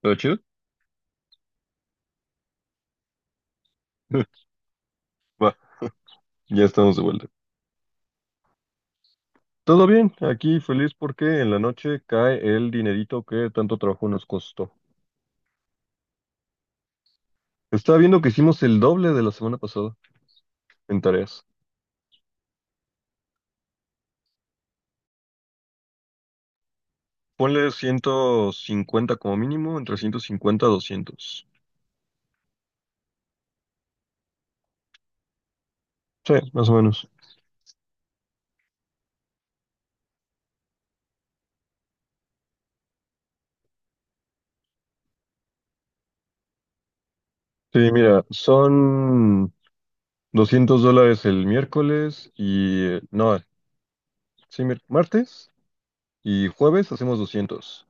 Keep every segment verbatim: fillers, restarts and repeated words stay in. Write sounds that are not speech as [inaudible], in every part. ¿Todo chido? [laughs] Va, ya estamos de vuelta. Todo bien, aquí feliz porque en la noche cae el dinerito que tanto trabajo nos costó. Estaba viendo que hicimos el doble de la semana pasada en tareas. Ponle ciento cincuenta como mínimo, entre ciento cincuenta a doscientos. Sí, más o menos. Sí, mira, son doscientos dólares el miércoles y... eh, no, sí, mi- martes y jueves hacemos doscientos.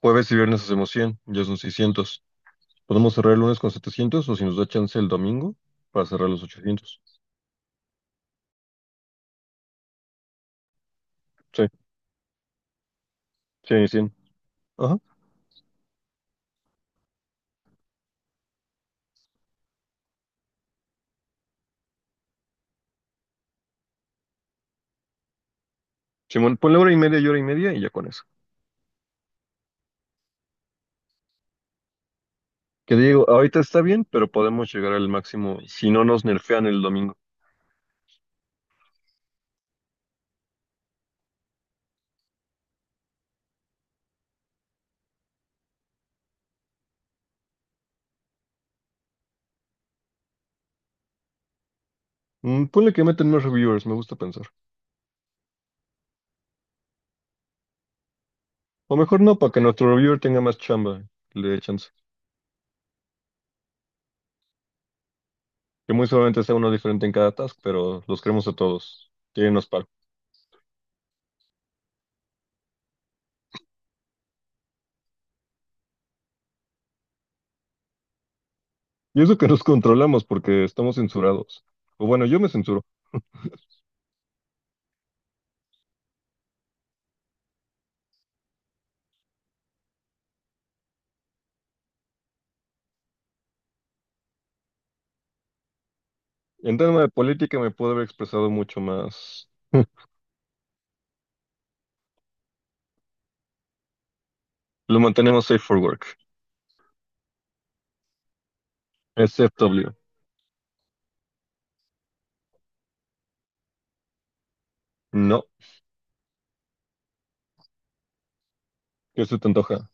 Jueves y viernes hacemos cien, ya son seiscientos. Podemos cerrar el lunes con setecientos o si nos da chance el domingo para cerrar los ochocientos. Sí, sí, cien. Ajá. Simón, ponle hora y media y hora y media y ya con eso. Que digo, ahorita está bien, pero podemos llegar al máximo si no nos nerfean el domingo. Mm, ponle que meten más reviewers, me gusta pensar. O mejor no, para que nuestro reviewer tenga más chamba, que le dé chance. Que muy seguramente sea uno diferente en cada task, pero los queremos a todos. Que nos paro. Y eso que nos controlamos porque estamos censurados. O bueno, yo me censuro. En tema de política me puedo haber expresado mucho más. Lo mantenemos safe for work. S F W. No, ¿qué se te antoja?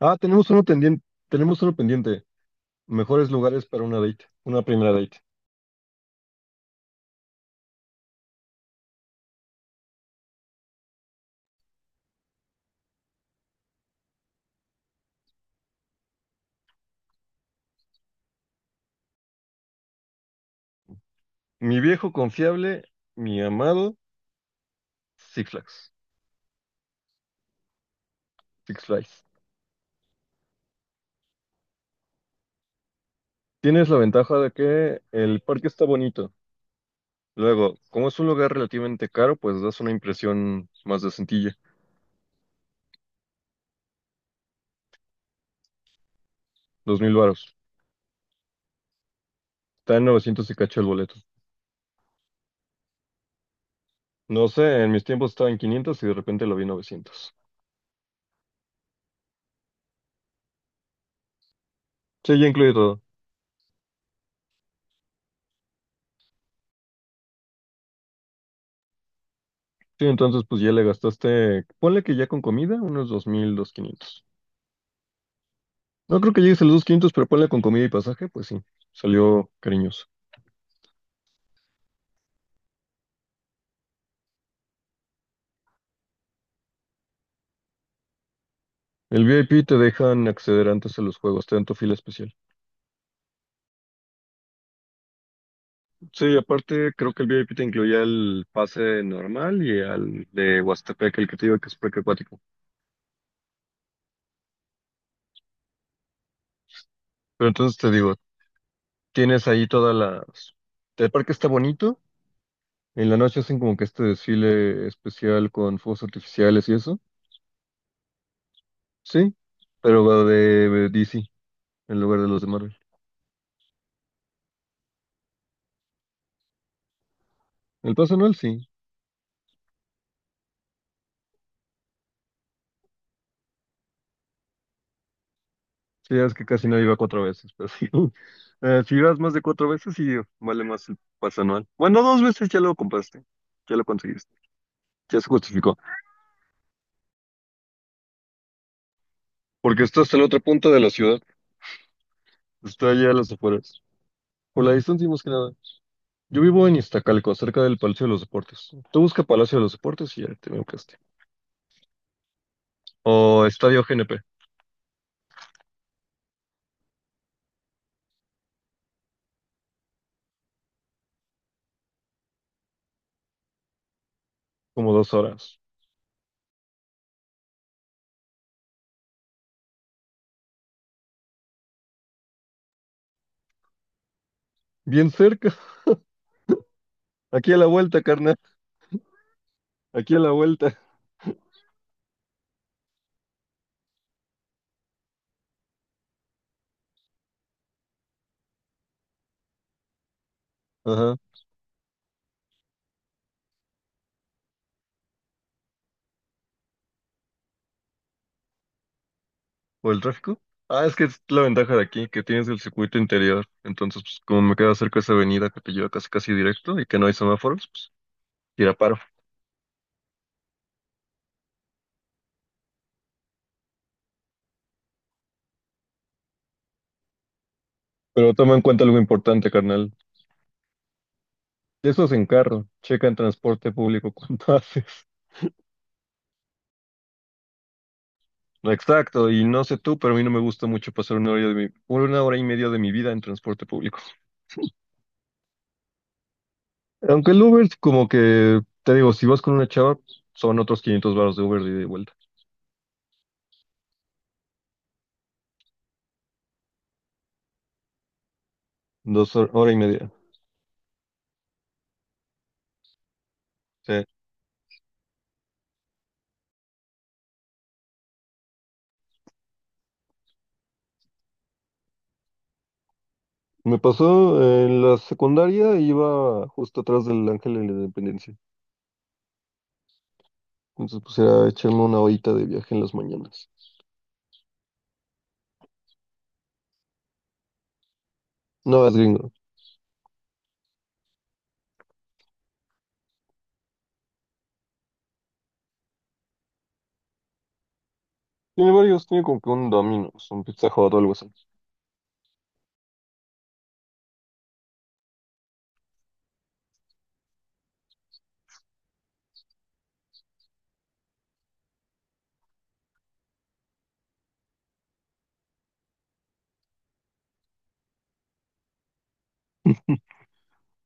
Ah, tenemos uno pendiente. Tenemos uno pendiente. Mejores lugares para una date, una primera date. Mi viejo confiable, mi amado Six Flags. Six Flags. Tienes la ventaja de que el parque está bonito. Luego, como es un lugar relativamente caro, pues das una impresión más decentilla. Dos mil varos. Está en novecientos y cacho el boleto. No sé, en mis tiempos estaba en quinientos y de repente lo vi en novecientos. Sí, ya incluye todo. Sí, entonces pues ya le gastaste, ponle que ya con comida, unos dos mil, dos quinientos. No creo que llegues a los dos quinientos, pero ponle con comida y pasaje, pues sí, salió cariñoso. El V I P te dejan acceder antes a los juegos, te dan tu fila especial. Sí, aparte creo que el V I P te incluía el pase normal y al de Huastepec, el que te digo que es parque acuático. Pero entonces te digo, tienes ahí todas las... El parque está bonito, en la noche hacen como que este desfile especial con fuegos artificiales y eso, sí, pero va de de D C en lugar de los de Marvel. El pase Noel, sí. Sí, es que casi nadie va cuatro veces, pero sí. [laughs] Eh, si vas más de cuatro veces, sí, vale más el pase anual. Bueno, dos veces ya lo compraste, ya lo conseguiste, ya se justificó. Porque estás en la otra punta de la ciudad, está allá a las afueras. Por la distancia, y más que nada. Yo vivo en Iztacalco, cerca del Palacio de los Deportes. Tú busca Palacio de los Deportes y ya te ubicaste. O Estadio G N P, como dos horas. Bien cerca, aquí a la vuelta, carnal, aquí a la vuelta. Ajá. ¿O el tráfico? Ah, es que es la ventaja de aquí, que tienes el circuito interior. Entonces, pues, como me queda cerca esa avenida que te lleva casi casi directo y que no hay semáforos, pues tira paro. Pero toma en cuenta algo importante, carnal. Eso es en carro. Checa en transporte público cuando [laughs] haces. Exacto, y no sé tú, pero a mí no me gusta mucho pasar una hora de mi, una hora y media de mi vida en transporte público. Aunque el Uber, como que, te digo, si vas con una chava, son otros quinientos baros de Uber de ida y vuelta. Dos hor- hora y media. Sí. Me pasó eh, en la secundaria, iba justo atrás del Ángel de la Independencia. Entonces, pues era echarme una horita de viaje en las mañanas. No, es gringo. Tiene varios, tiene como que un Domino's, un Pizza Hut o algo así.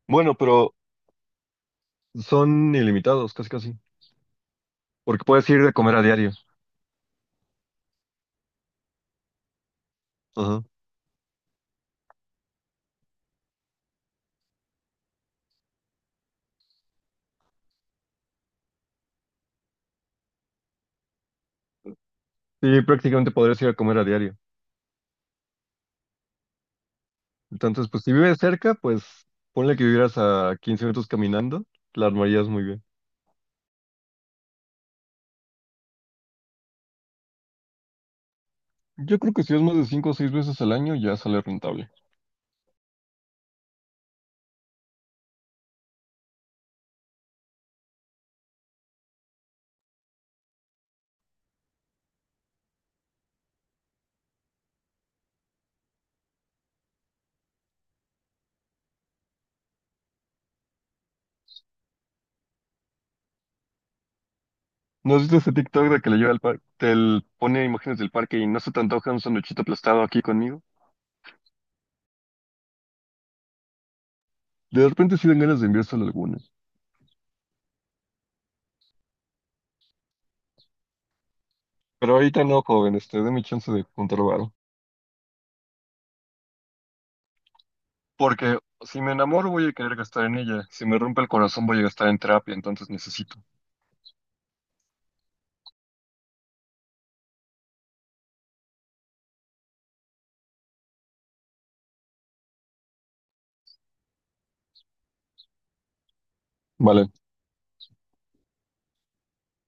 Bueno, pero son ilimitados, casi casi. Porque puedes ir a comer a diario. Ajá. Sí, prácticamente podrías ir a comer a diario. Entonces, pues si vives cerca, pues ponle que vivieras a quince minutos caminando, la armarías muy bien. Yo creo que si es más de cinco o seis veces al año, ya sale rentable. ¿No has visto ese TikTok de que le lleva al parque, te l- pone imágenes del parque y no se te antoja un sanduchito aplastado aquí conmigo? De repente sí dan ganas de enviárselo a algunas. Pero ahorita no, joven, este, mi chance de juntar varo. Porque si me enamoro voy a querer gastar en ella. Si me rompe el corazón voy a gastar en terapia, entonces necesito. Vale.